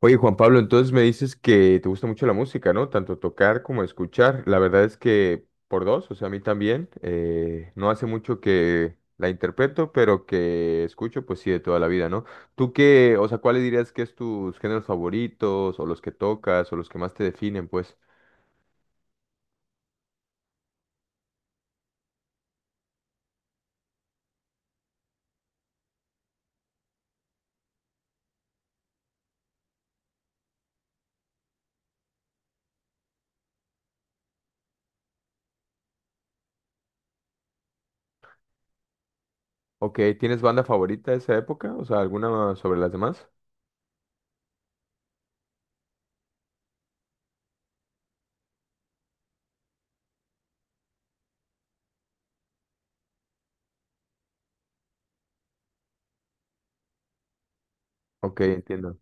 Oye, Juan Pablo, entonces me dices que te gusta mucho la música, ¿no? Tanto tocar como escuchar. La verdad es que por dos, o sea, a mí también. No hace mucho que la interpreto, pero que escucho, pues sí, de toda la vida, ¿no? ¿Tú qué, o sea, cuáles dirías que es tus géneros favoritos, o los que tocas, o los que más te definen, pues? Ok, ¿tienes banda favorita de esa época? O sea, ¿alguna sobre las demás? Ok, entiendo.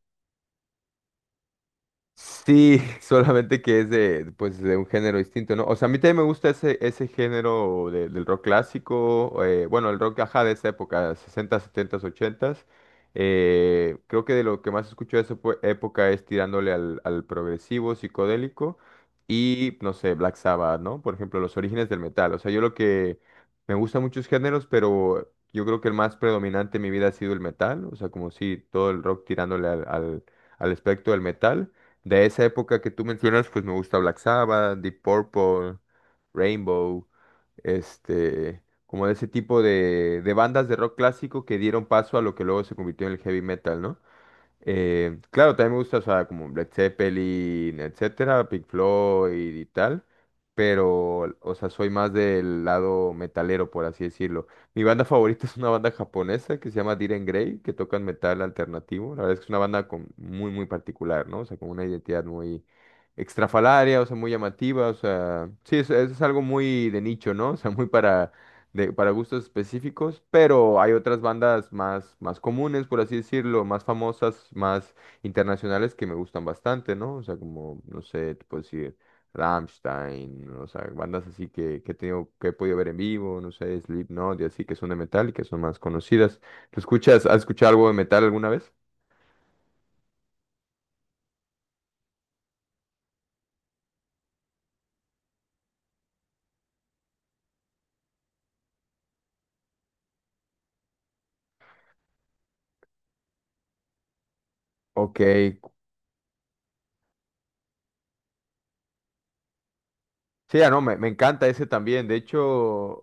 Sí, solamente que es de, pues, de un género distinto, ¿no? O sea, a mí también me gusta ese género del rock clásico, bueno, el rock, ajá, de esa época, 60, 70, 80. Creo que de lo que más escucho de esa época es tirándole al progresivo, psicodélico y, no sé, Black Sabbath, ¿no? Por ejemplo, los orígenes del metal. O sea, yo lo que me gustan muchos géneros, pero yo creo que el más predominante en mi vida ha sido el metal. O sea, como si todo el rock tirándole al espectro del metal. De esa época que tú mencionas, pues me gusta Black Sabbath, Deep Purple, Rainbow, como de ese tipo de bandas de rock clásico que dieron paso a lo que luego se convirtió en el heavy metal, ¿no? Claro, también me gusta, o sea, como Led Zeppelin, etcétera, Pink Floyd y tal, pero, o sea, soy más del lado metalero, por así decirlo. Mi banda favorita es una banda japonesa que se llama Diren Grey, que tocan metal alternativo. La verdad es que es una banda con, muy, muy particular, ¿no? O sea, con una identidad muy extrafalaria, o sea, muy llamativa, o sea, sí, es, algo muy de nicho, ¿no? O sea, muy para para gustos específicos, pero hay otras bandas más comunes, por así decirlo, más famosas, más internacionales que me gustan bastante, ¿no? O sea, como, no sé, te puedo decir Rammstein, o sea, bandas así que he tenido, que he podido ver en vivo, no sé, Slipknot y así, que son de metal y que son más conocidas. ¿Tú escuchas, has escuchado algo de metal alguna vez? Ok, sí, ah, no, me encanta ese también. De hecho,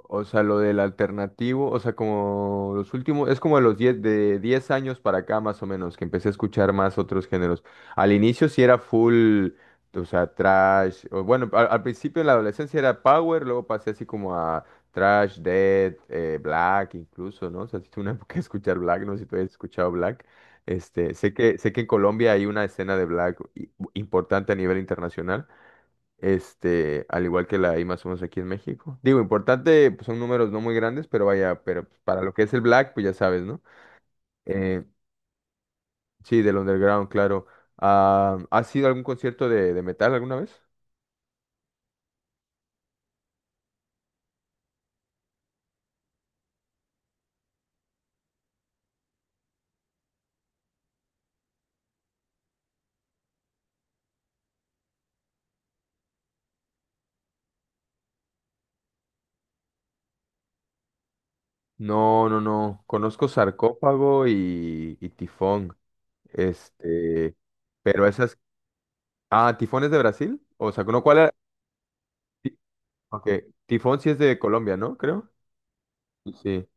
o sea, lo del alternativo, o sea, como los últimos, es como de los diez años para acá más o menos, que empecé a escuchar más otros géneros. Al inicio sí era full, o sea, trash, o bueno, al principio en la adolescencia era power, luego pasé así como a trash, dead, black incluso, ¿no? O sea, sí tuve una época de escuchar black, no sé si tú has escuchado black. Sé que en Colombia hay una escena de black importante a nivel internacional. Al igual que la I más unos aquí en México. Digo, importante, pues son números no muy grandes, pero vaya, pero pues, para lo que es el Black, pues ya sabes, ¿no? Eh, sí, del underground, claro. Ah, ¿has ido a algún concierto de metal alguna vez? No, no, no. Conozco Sarcófago y Tifón. Este, pero esas. Ah, ¿Tifón es de Brasil? O sea, ¿no cuál era? Ti- Ok, Tifón sí es de Colombia, ¿no? Creo. Sí.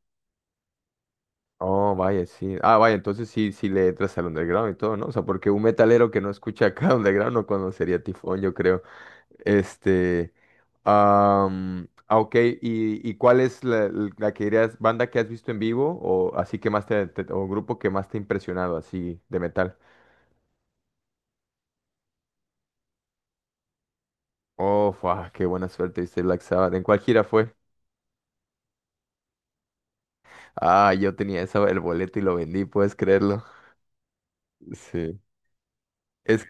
Oh, vaya, sí. Ah, vaya, entonces sí le entras al underground y todo, ¿no? O sea, porque un metalero que no escucha acá underground no conocería Tifón, yo creo. Este. Ok, ¿y cuál es la que dirías, banda que has visto en vivo o así que más o grupo que más te ha impresionado así de metal? Oh, fua, qué buena suerte, viste Black Sabbath. ¿En cuál gira fue? Ah, yo tenía esa, el boleto y lo vendí, ¿puedes creerlo? Sí. Es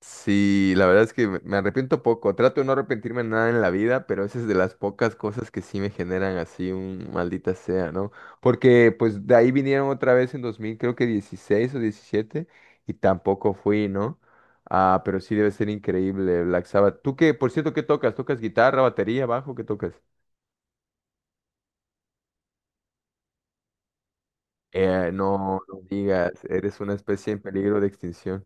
Sí, la verdad es que me arrepiento poco. Trato de no arrepentirme de nada en la vida, pero esa es de las pocas cosas que sí me generan así un maldita sea, ¿no? Porque pues de ahí vinieron otra vez en 2000, creo que 16 o 17, y tampoco fui, ¿no? Ah, pero sí debe ser increíble Black Sabbath. ¿Tú qué, por cierto, qué tocas? ¿Tocas guitarra, batería, bajo? ¿Qué tocas? No, no digas, eres una especie en peligro de extinción.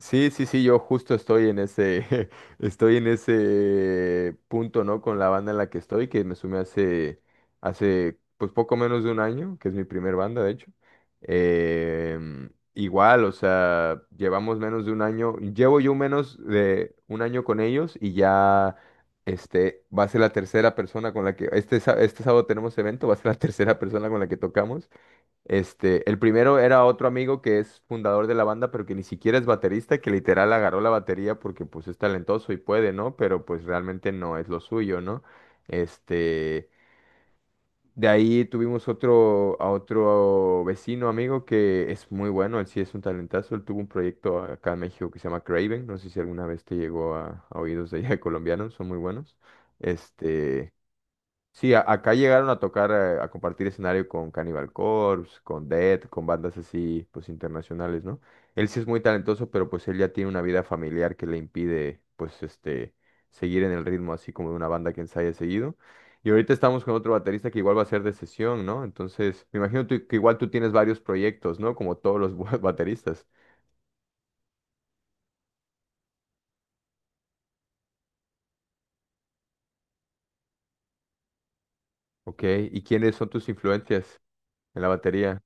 Sí, sí, sí, yo justo estoy en ese, estoy en ese punto, ¿no? Con la banda en la que estoy, que me sumé hace, pues poco menos de un año, que es mi primer banda, de hecho. Em, igual, o sea, llevamos menos de un año, llevo yo menos de un año con ellos y ya, va a ser la tercera persona con la que, este sábado tenemos evento, va a ser la tercera persona con la que tocamos. El primero era otro amigo que es fundador de la banda, pero que ni siquiera es baterista, que literal agarró la batería porque pues es talentoso y puede, ¿no? Pero pues realmente no es lo suyo, ¿no? Este, de ahí tuvimos a otro vecino amigo que es muy bueno, él sí es un talentazo, él tuvo un proyecto acá en México que se llama Craven, no sé si alguna vez te llegó a oídos de allá de colombianos, son muy buenos. Este, Sí acá llegaron a tocar, a compartir escenario con Cannibal Corpse, con Death, con bandas así, pues internacionales, ¿no? Él sí es muy talentoso, pero pues él ya tiene una vida familiar que le impide, pues, seguir en el ritmo así como de una banda que ensaya seguido. Y ahorita estamos con otro baterista que igual va a ser de sesión, ¿no? Entonces, me imagino que igual tú tienes varios proyectos, ¿no? Como todos los bateristas. Ok, ¿y quiénes son tus influencias en la batería?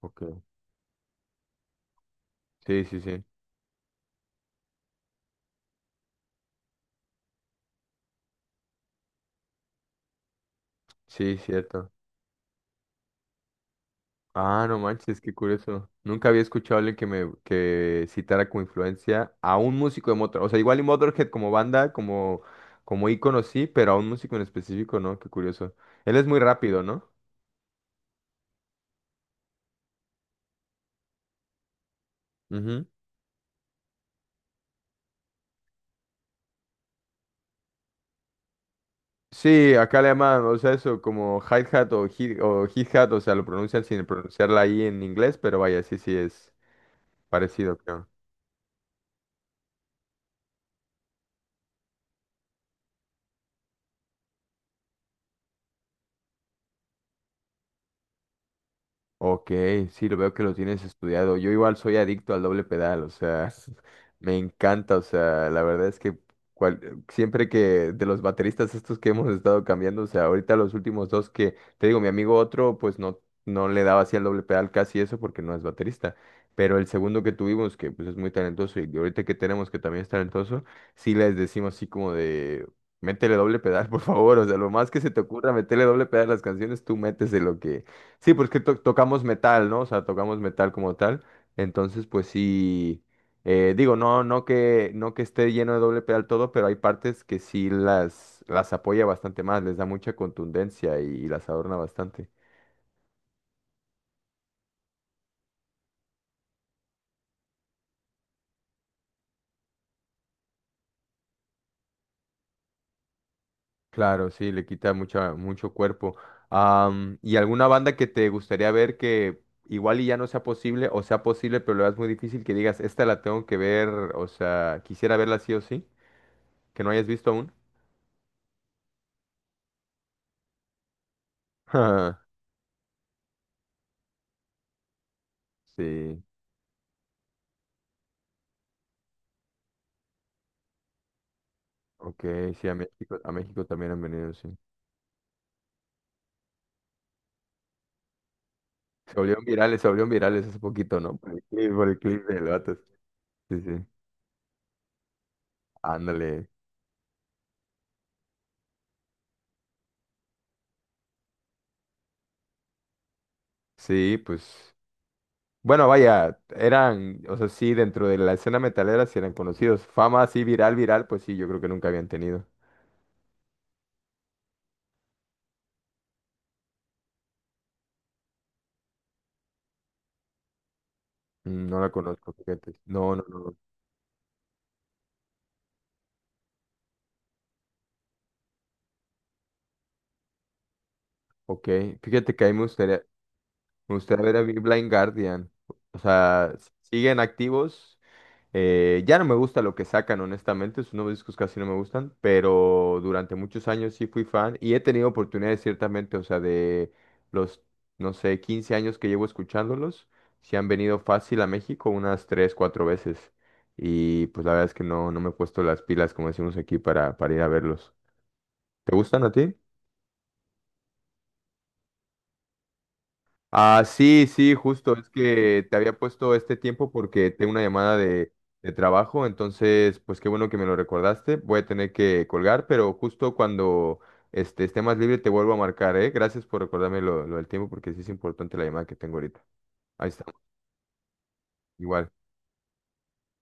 Ok, sí, sí, sí, sí, cierto. Ah, no manches, qué curioso. Nunca había escuchado a alguien que citara como influencia a un músico de Motorhead. O sea, igual y Motorhead como banda, como ícono sí, pero a un músico en específico, ¿no? Qué curioso. Él es muy rápido, ¿no? Ujú. Sí, acá le llaman, o sea, eso como hi-hat o hi-hat, o sea, lo pronuncian sin pronunciarla ahí en inglés, pero vaya, sí, sí es parecido. Ok, sí, lo veo que lo tienes estudiado. Yo igual soy adicto al doble pedal, o sea, me encanta, o sea, la verdad es que siempre que de los bateristas estos que hemos estado cambiando, o sea, ahorita los últimos dos que, te digo, mi amigo otro, pues no, no le daba así al doble pedal casi eso porque no es baterista, pero el segundo que tuvimos, que pues es muy talentoso y ahorita que tenemos que también es talentoso, sí les decimos así como de... Métele doble pedal, por favor. O sea, lo más que se te ocurra, métele doble pedal a las canciones, tú métese lo que... Sí, pues que tocamos metal, ¿no? O sea, tocamos metal como tal. Entonces, pues sí, digo, no, no que esté lleno de doble pedal todo, pero hay partes que sí las apoya bastante más, les da mucha contundencia y las adorna bastante. Claro, sí, le quita mucho cuerpo. ¿Y alguna banda que te gustaría ver que igual y ya no sea posible, o sea posible, pero lo veas muy difícil que digas, esta la tengo que ver, o sea, quisiera verla sí o sí, que no hayas visto aún? Sí. Ok, sí, a México también han venido, sí. Se volvieron virales hace poquito, ¿no? Por el clip del vato. Sí, sí. Ándale. Sí, pues. Bueno, vaya, eran, o sea, sí, dentro de la escena metalera sí eran conocidos. Fama así viral, viral, pues sí, yo creo que nunca habían tenido. No la conozco, fíjate. No, no, no. Ok, fíjate que ahí me gustaría ver a Blind Guardian. O sea, ¿siguen activos? Ya no me gusta lo que sacan, honestamente, sus nuevos discos casi no me gustan, pero durante muchos años sí fui fan y he tenido oportunidades ciertamente, o sea, de los, no sé, 15 años que llevo escuchándolos, sí han venido fácil a México unas 3 4 veces y pues la verdad es que no, no me he puesto las pilas, como decimos aquí, para ir a verlos. ¿Te gustan a ti? Ah, sí, sí, justo, es que te había puesto este tiempo porque tengo una llamada de trabajo, entonces, pues qué bueno que me lo recordaste, voy a tener que colgar, pero justo cuando esté más libre te vuelvo a marcar, ¿eh? Gracias por recordarme lo del tiempo porque sí es importante la llamada que tengo ahorita. Ahí estamos, igual.